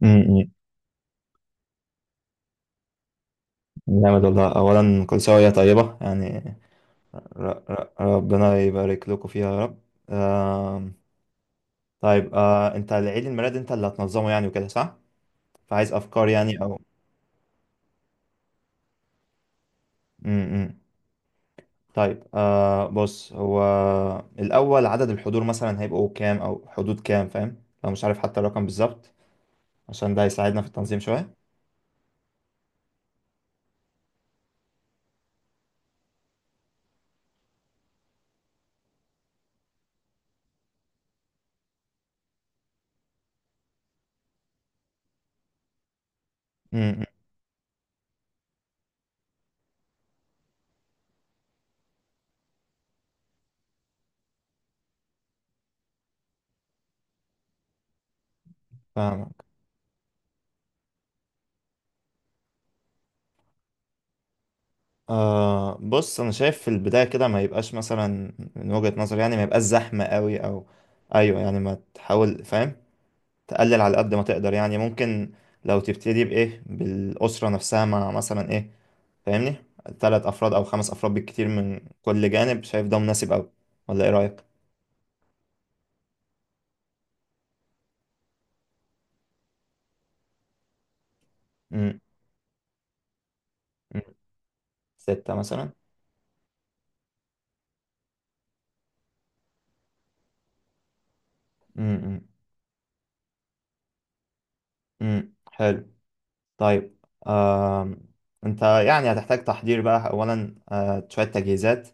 م- م. جامد والله، أولا كل سنة وهي طيبة يعني. ر ر ربنا يبارك لكم فيها يا رب. آم، طيب، أنت العيد الميلاد أنت اللي هتنظمه يعني وكده، صح؟ فعايز أفكار يعني أو م -م. طيب، بص، هو الأول عدد الحضور مثلا هيبقوا كام أو حدود كام، فاهم؟ لو مش عارف حتى الرقم بالظبط، عشان ده هيساعدنا في التنظيم شوية. م- م. فاهمك. بص، انا شايف في البدايه كده ما يبقاش مثلا، من وجهه نظري يعني ما يبقاش زحمه قوي او ايوه يعني ما تحاول، فاهم، تقلل على قد ما تقدر يعني. ممكن لو تبتدي بايه بالاسره نفسها مع مثلا ايه، فاهمني، ثلاث افراد او خمس افراد بالكتير من كل جانب. شايف ده مناسب قوي ولا ايه رايك؟ امم. سته مثلا. امم. امم، حلو. طيب. آه انت يعني هتحتاج تحضير بقى اولا، شويه تجهيزات،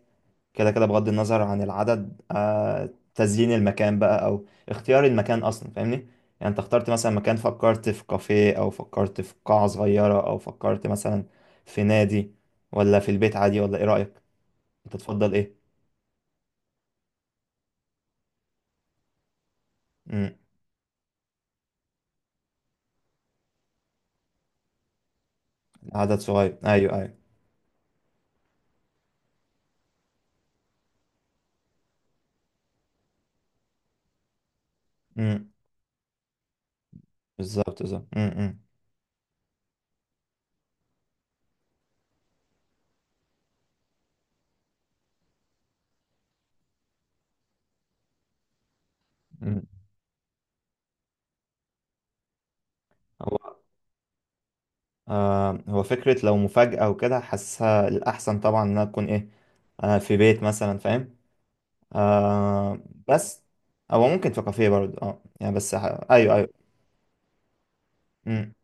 كده كده بغض النظر عن العدد، تزيين المكان بقى او اختيار المكان اصلا، فاهمني. يعني انت اخترت مثلا مكان، فكرت في كافيه او فكرت في قاعة صغيرة او فكرت مثلا في نادي، ولا في البيت عادي، ولا ايه رأيك؟ انت تفضل ايه؟ امم. عدد صغير، ايوه ايوه. امم، بالظبط بالظبط. امم. امم. هو هو فكرة لو مفاجأة وكده حاسسها الأحسن طبعا إنها تكون إيه، في بيت مثلا، فاهم. آه بس هو ممكن في كافيه برضه، اه يعني، بس ايوه ايوه. مم.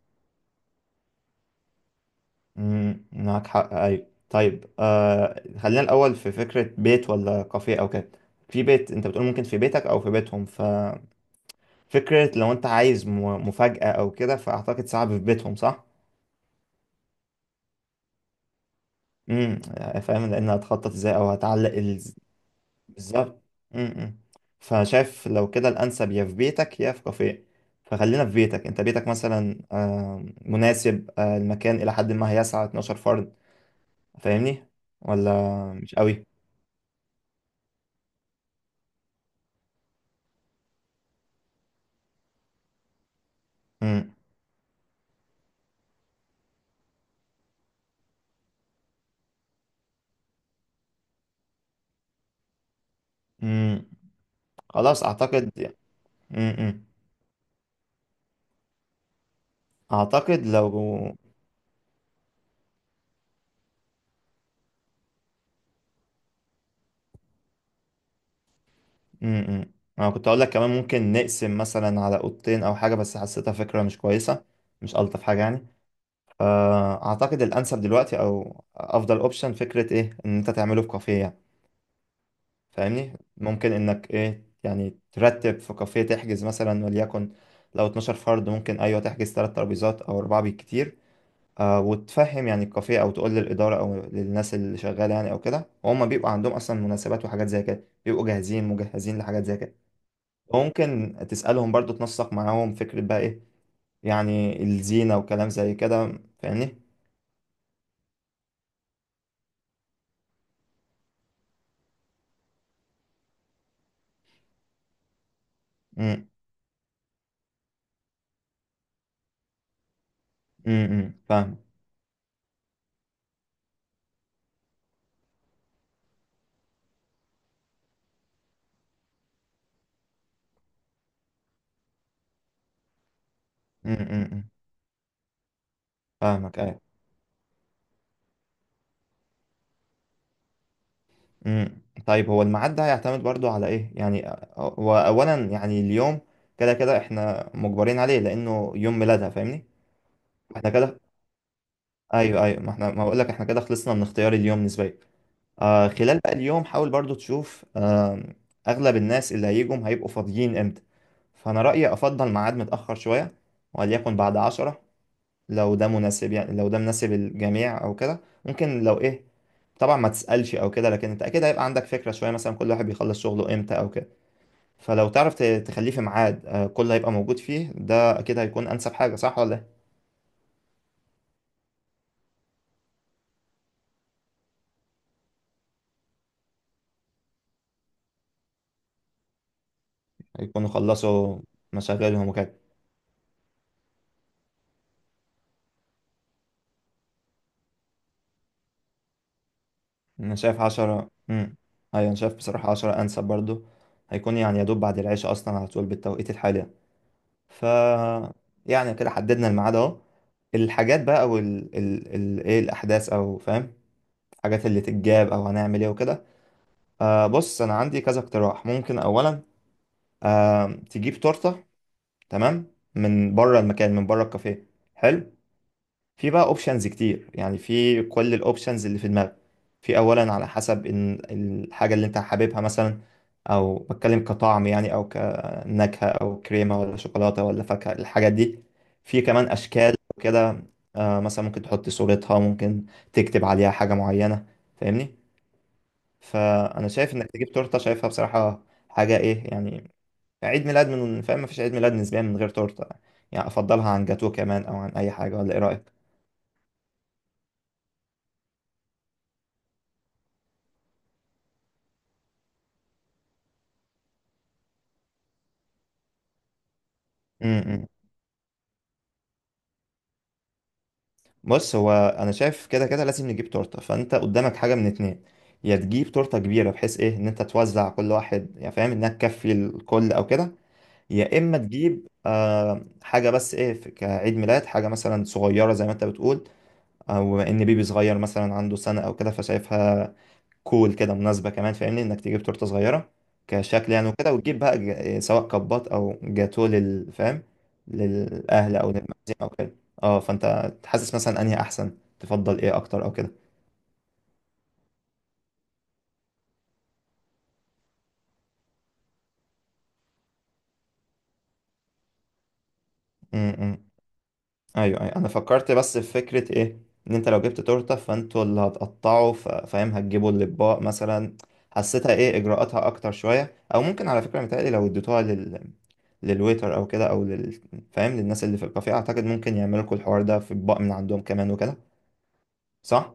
مم، معاك حق، ايوه، طيب، خلينا الاول في فكره بيت ولا كافيه او كده. في بيت، انت بتقول ممكن في بيتك او في بيتهم، ففكره لو انت عايز مفاجاه او كده، فاعتقد صعب في بيتهم، صح. امم، فاهم، لان هتخطط ازاي او هتعلق بالظبط. م-م. فشايف لو كده الأنسب يا في بيتك يا في كافيه. فخلينا في بيتك، أنت بيتك مثلا مناسب، المكان إلى حد ما هيسع 12 فرد، فاهمني، ولا مش قوي؟ م-م. مم، خلاص أعتقد. م-م. أعتقد لو م-م. أنا كنت أقول لك كمان ممكن نقسم مثلا على أوضتين أو حاجة، بس حسيتها فكرة مش كويسة، مش ألطف حاجة يعني. فأعتقد الأنسب دلوقتي أو أفضل أوبشن فكرة إيه إن أنت تعمله في كافيه يعني. فاهمني، ممكن انك ايه يعني ترتب في كافيه، تحجز مثلا، وليكن لو 12 فرد ممكن، ايوه، تحجز ثلاث ترابيزات او اربعه بالكتير. وتفهم يعني الكافيه او تقول للاداره او للناس اللي شغاله يعني او كده، وهم بيبقى عندهم اصلا مناسبات وحاجات زي كده، بيبقوا جاهزين مجهزين لحاجات زي كده. وممكن تسالهم برضو، تنسق معاهم فكره بقى ايه يعني الزينه وكلام زي كده، فاهمني. امم. امم، فاهم. امم، فاهمك، ايوه. امم. طيب، هو الميعاد ده هيعتمد برضو على ايه يعني؟ هو اولا يعني اليوم كده كده احنا مجبرين عليه لانه يوم ميلادها، فاهمني. احنا كده، ايوه ايوه، ما احنا ما بقول لك احنا كده خلصنا من اختيار اليوم نسبيا. خلال بقى اليوم حاول برضو تشوف، اغلب الناس اللي هيجوا هيبقوا فاضيين امتى. فانا رايي افضل ميعاد متاخر شويه، وليكن بعد 10، لو ده مناسب يعني، لو ده مناسب الجميع او كده ممكن. لو ايه، طبعا ما تسألش او كده، لكن انت اكيد هيبقى عندك فكرة شوية مثلا كل واحد بيخلص شغله امتى او كده. فلو تعرف تخليه في ميعاد كله هيبقى موجود فيه، ده اكيد هيكون انسب حاجة، صح ولا ايه؟ هيكونوا خلصوا مشاغلهم وكده. انا شايف 10. امم، ايوه، انا شايف بصراحة 10 انسب برضو. هيكون يعني يا دوب بعد العشاء اصلا على طول بالتوقيت الحالي يعني. ف يعني كده حددنا الميعاد اهو. الحاجات بقى او ال ال ال ايه، الاحداث او، فاهم، الحاجات اللي تتجاب او هنعمل ايه وكده. بص، انا عندي كذا اقتراح. ممكن اولا تجيب تورته، تمام، من بره المكان، من بره الكافيه، حلو. في بقى اوبشنز كتير يعني، في كل الاوبشنز اللي في دماغك. في اولا على حسب ان الحاجه اللي انت حاببها مثلا، او بتكلم كطعم يعني او كنكهه، او كريمه ولا شوكولاته ولا فاكهه الحاجات دي. في كمان اشكال كده. مثلا ممكن تحط صورتها، ممكن تكتب عليها حاجه معينه، فاهمني. فانا شايف انك تجيب تورته، شايفها بصراحه حاجه ايه يعني، عيد ميلاد من، فاهم، مفيش عيد ميلاد نسبيا من غير تورته يعني. افضلها عن جاتوه كمان او عن اي حاجه، ولا ايه رايك؟ امم. إمم. بص، هو انا شايف كده كده لازم نجيب تورته، فانت قدامك حاجه من اتنين. يا تجيب تورته كبيره بحيث ايه ان انت توزع كل واحد يعني فاهم، انها تكفي الكل او كده، يا اما تجيب حاجه بس ايه كعيد ميلاد حاجه مثلا صغيره زي ما انت بتقول، او ان بيبي صغير مثلا عنده سنه او كده، فشايفها كول كده مناسبة كمان، فاهمني، انك تجيب تورتة صغيرة كشكل يعني، وكده وتجيب بقى سواء كبات او جاتوه لل، فاهم، للأهل او للمعزيم او كده. اه، فانت تحسس مثلا انهي احسن تفضل ايه اكتر او كده. م- م. ايوه ايوه، انا فكرت بس في فكره ايه ان انت لو جبت تورته فانتوا اللي هتقطعوا فاهم، هتجيبوا الاطباق مثلا، حسيتها ايه اجراءاتها اكتر شويه. او ممكن، على فكره، متهيألي لو اديتوها لل، للويتر او كده، او لل، فاهم، للناس اللي في الكافيه، اعتقد ممكن يعملوا لكم الحوار ده في اطباق من عندهم كمان وكده، صح.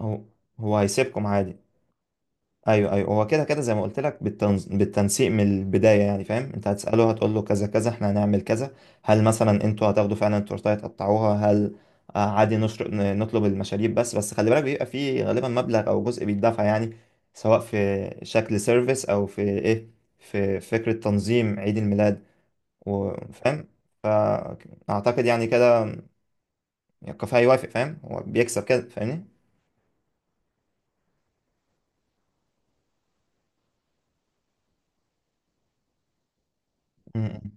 هو هيسيبكم عادي، ايوه ايوه. هو كده كده زي ما قلت لك بالتنسيق من البدايه يعني، فاهم، انت هتساله هتقول له كذا كذا احنا هنعمل كذا. هل مثلا انتوا هتاخدوا فعلا التورتايه تقطعوها، هل عادي نطلب المشاريب بس. بس خلي بالك بيبقى فيه غالبا مبلغ او جزء بيدفع يعني، سواء في شكل سيرفيس او في ايه، في فكره تنظيم عيد الميلاد، وفاهم. اعتقد يعني كده الكافيه هيوافق، فاهم، هو بيكسب كده، فاهمني. م-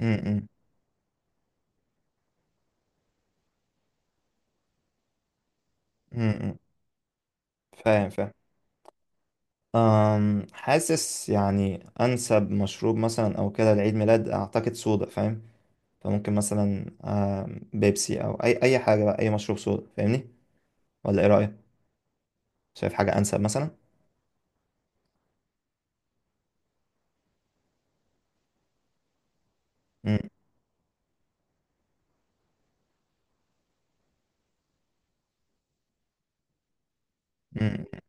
م- م- م- م- فاهم فاهم. حاسس يعني أنسب مشروب مثلا أو كده لعيد ميلاد أعتقد صودا، فاهم. فممكن مثلا بيبسي أو أي حاجة بقى، أي مشروب صودا، فاهمني، ولا إيه رأيك؟ شايف حاجة أنسب مثلا؟ مم. مم.